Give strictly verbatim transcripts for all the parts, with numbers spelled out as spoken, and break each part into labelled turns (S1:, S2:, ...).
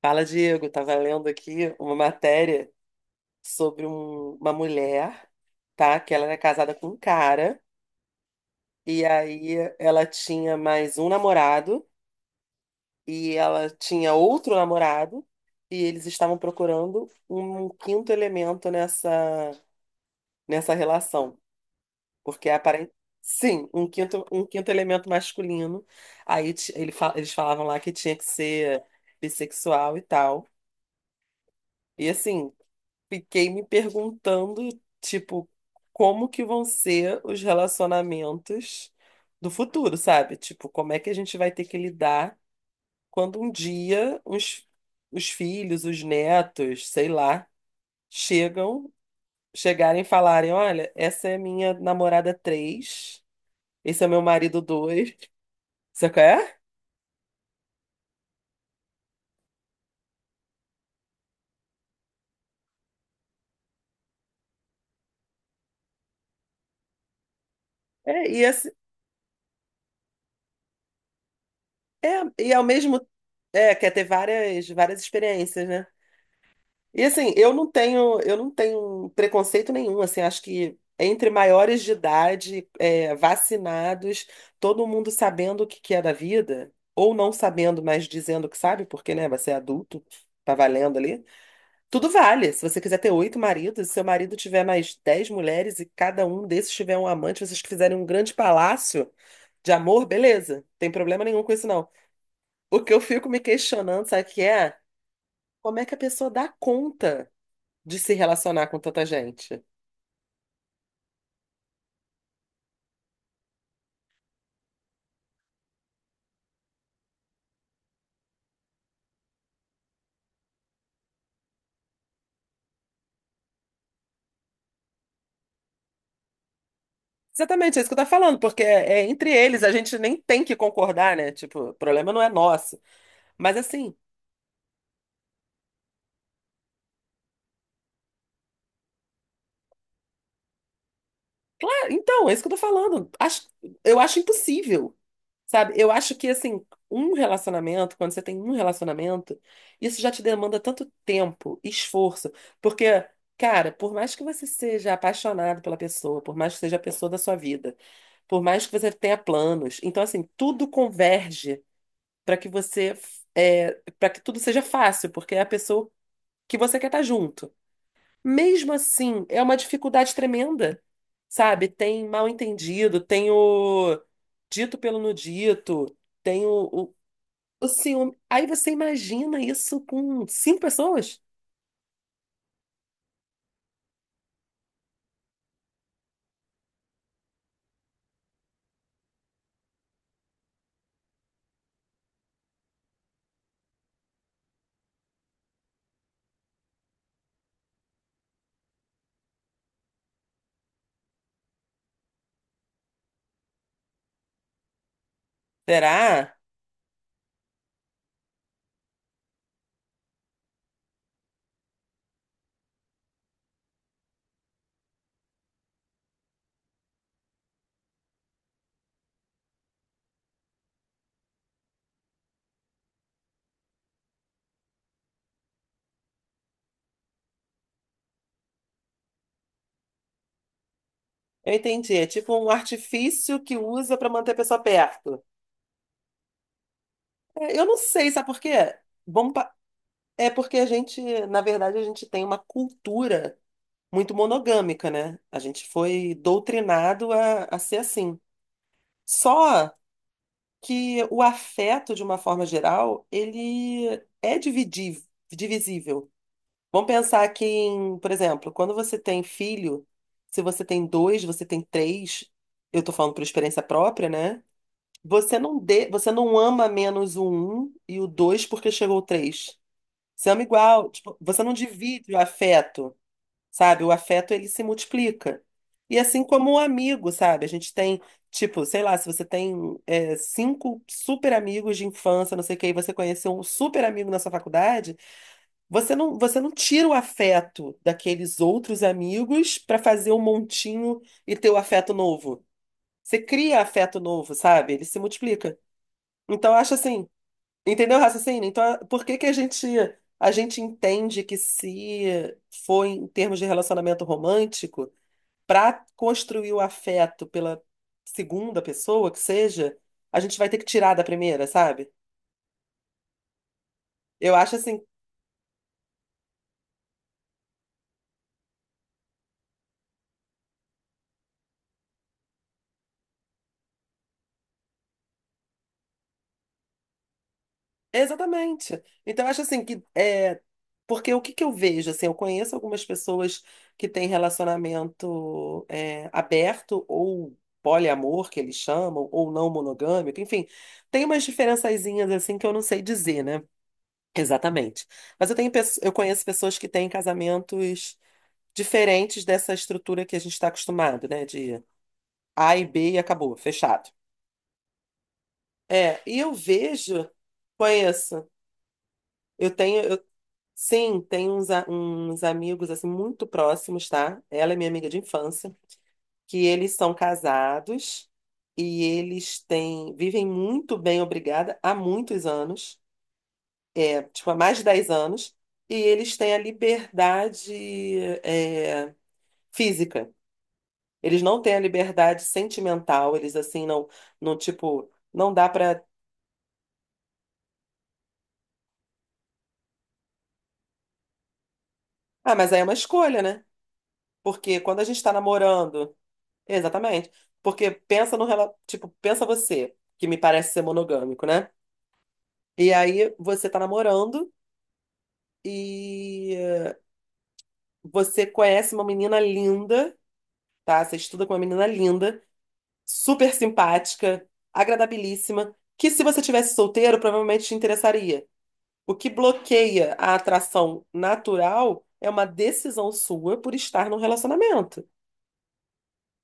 S1: Fala, Diego. Estava lendo aqui uma matéria sobre um- uma mulher, tá? Que ela era casada com um cara, e aí ela tinha mais um namorado, e ela tinha outro namorado, e eles estavam procurando um quinto elemento nessa, nessa relação. Porque aparentemente. Sim, um quinto, um quinto elemento masculino. Aí ti- ele fa- eles falavam lá que tinha que ser bissexual e tal. E assim. Fiquei me perguntando, tipo, como que vão ser os relacionamentos do futuro, sabe? Tipo, como é que a gente vai ter que lidar quando um dia os, os filhos, os netos, sei lá, chegam, chegarem e falarem, olha, essa é minha namorada três, esse é meu marido dois, você quer? É, É, e, esse, é, e ao mesmo é, quer ter várias, várias experiências, né? E assim, eu não tenho, eu não tenho preconceito nenhum, assim, acho que entre maiores de idade, é, vacinados, todo mundo sabendo o que que é da vida, ou não sabendo, mas dizendo que sabe, porque, né, você é adulto, tá valendo ali. Tudo vale. Se você quiser ter oito maridos, se seu marido tiver mais dez mulheres e cada um desses tiver um amante, vocês fizerem um grande palácio de amor, beleza. Tem problema nenhum com isso, não. O que eu fico me questionando, sabe o que é? Como é que a pessoa dá conta? De se relacionar com tanta gente. Exatamente, é isso que eu tô falando, porque é, é entre eles, a gente nem tem que concordar, né? Tipo, o problema não é nosso. Mas assim, é, então, é isso que eu tô falando. Acho, eu acho impossível, sabe? Eu acho que, assim, um relacionamento, quando você tem um relacionamento, isso já te demanda tanto tempo, esforço. Porque, cara, por mais que você seja apaixonado pela pessoa, por mais que seja a pessoa da sua vida, por mais que você tenha planos, então, assim, tudo converge para que você é, para que tudo seja fácil, porque é a pessoa que você quer estar junto. Mesmo assim, é uma dificuldade tremenda, sabe? Tem mal entendido, tem o dito pelo no dito, tem o, o, o ciúme. Aí você imagina isso com cinco pessoas? Será? Eu entendi. É tipo um artifício que usa para manter a pessoa perto. É, eu não sei, sabe por quê? Vamos pa- É porque a gente, na verdade, a gente tem uma cultura muito monogâmica, né? A gente foi doutrinado a, a ser assim. Só que o afeto, de uma forma geral, ele é dividível, divisível. Vamos pensar que, em, por exemplo, quando você tem filho, se você tem dois, você tem três, eu tô falando por experiência própria, né? Você não dê, você não ama menos o um e o dois porque chegou o três. Você ama igual, tipo, você não divide o afeto, sabe? O afeto ele se multiplica. E assim como o amigo, sabe? A gente tem, tipo, sei lá, se você tem é, cinco super amigos de infância, não sei o que e você conheceu um super amigo na sua faculdade, você não, você não tira o afeto daqueles outros amigos para fazer um montinho e ter o afeto novo. Você cria afeto novo, sabe? Ele se multiplica. Então, eu acho assim. Entendeu o raciocínio? Então, por que que a gente a gente entende que se for em termos de relacionamento romântico, para construir o afeto pela segunda pessoa que seja, a gente vai ter que tirar da primeira, sabe? Eu acho assim. Exatamente. Então, eu acho assim que é porque o que que eu vejo assim, eu conheço algumas pessoas que têm relacionamento é, aberto ou poliamor que eles chamam ou não monogâmico, enfim, tem umas diferençazinhas assim que eu não sei dizer, né? Exatamente. Mas eu tenho pesso- eu conheço pessoas que têm casamentos diferentes dessa estrutura que a gente está acostumado, né? De A e B e acabou, fechado. É, e eu vejo, conheço. Eu tenho. Sim, tem uns, a- uns amigos assim muito próximos, tá? Ela é minha amiga de infância, que eles são casados e eles têm vivem muito bem, obrigada, há muitos anos, é, tipo há mais de dez anos, e eles têm a liberdade é, física. Eles não têm a liberdade sentimental, eles assim não, não tipo, não dá pra. Ah, mas aí é uma escolha, né? Porque quando a gente tá namorando. Exatamente. Porque pensa no rela- tipo, pensa você, que me parece ser monogâmico, né? E aí você tá namorando e eh, você conhece uma menina linda, tá? Você estuda com uma menina linda, super simpática, agradabilíssima, que se você tivesse solteiro, provavelmente te interessaria. O que bloqueia a atração natural é uma decisão sua por estar num relacionamento.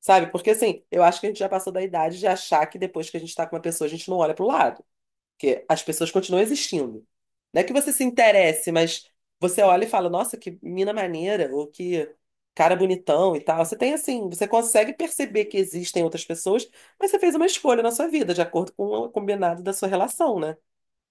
S1: Sabe? Porque assim, eu acho que a gente já passou da idade de achar que depois que a gente tá com uma pessoa, a gente não olha pro lado. Porque as pessoas continuam existindo. Não é que você se interesse, mas você olha e fala, nossa, que mina maneira, ou que cara bonitão e tal. Você tem assim, você consegue perceber que existem outras pessoas, mas você fez uma escolha na sua vida, de acordo com o combinado da sua relação, né?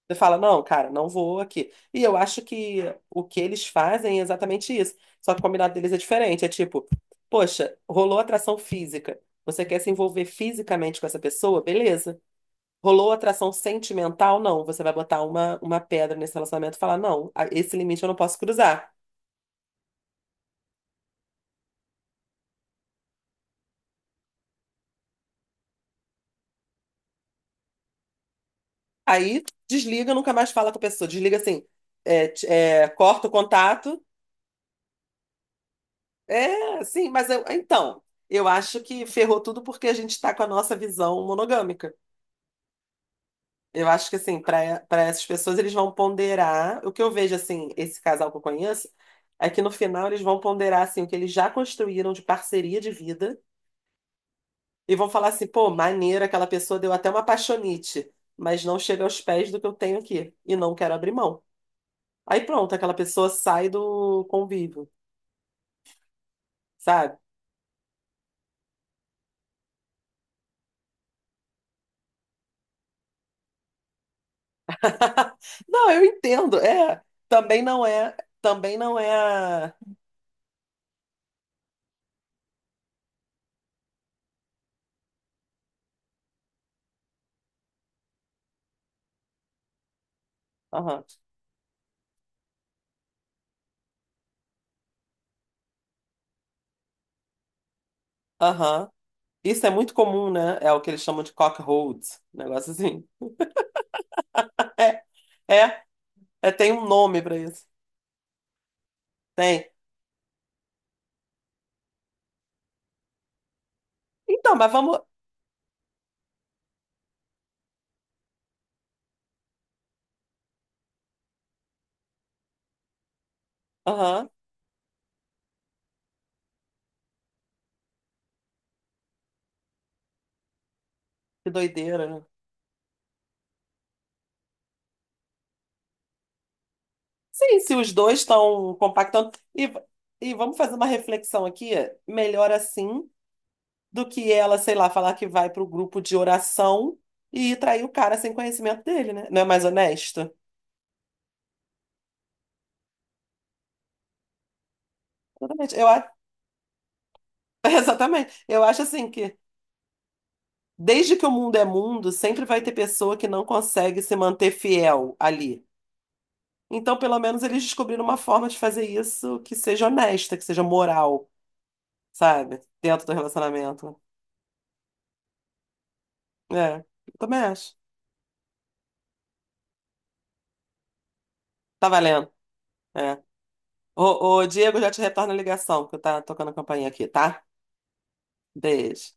S1: Você fala, não, cara, não vou aqui. E eu acho que o que eles fazem é exatamente isso. Só que o combinado deles é diferente. É tipo, poxa, rolou atração física. Você quer se envolver fisicamente com essa pessoa? Beleza. Rolou atração sentimental? Não. Você vai botar uma, uma pedra nesse relacionamento e falar: não, a- esse limite eu não posso cruzar. Aí desliga, nunca mais fala com a pessoa. Desliga assim, é, t- é, corta o contato. É, sim, mas eu- então, eu acho que ferrou tudo porque a gente está com a nossa visão monogâmica. Eu acho que, assim, para para essas pessoas, eles vão ponderar. O que eu vejo, assim, esse casal que eu conheço, é que no final eles vão ponderar, assim, o que eles já construíram de parceria de vida. E vão falar assim, pô, maneiro, aquela pessoa deu até uma apaixonite, mas não chega aos pés do que eu tenho aqui e não quero abrir mão. Aí pronto, aquela pessoa sai do convívio, sabe? Não, eu entendo. É, também não é, também não é. a- Aham, aham. Isso é muito comum, né? É o que eles chamam de cockhold, negócio assim. É, é, é, tem um nome pra isso. Tem. Então, mas vamos. Aham, que doideira, né? Sim, se os dois estão compactando. E, e vamos fazer uma reflexão aqui. Melhor assim do que ela, sei lá, falar que vai para o grupo de oração e trair o cara sem conhecimento dele, né? Não é mais honesto? Exatamente. Eu, a- exatamente. Eu acho assim que, desde que o mundo é mundo, sempre vai ter pessoa que não consegue se manter fiel ali. Então, pelo menos, eles descobriram uma forma de fazer isso que seja honesta, que seja moral, sabe? Dentro do relacionamento. É, eu também acho. Tá valendo. É. Ô, ô, Diego, já te retorno a ligação, porque tá tocando a campainha aqui, tá? Beijo.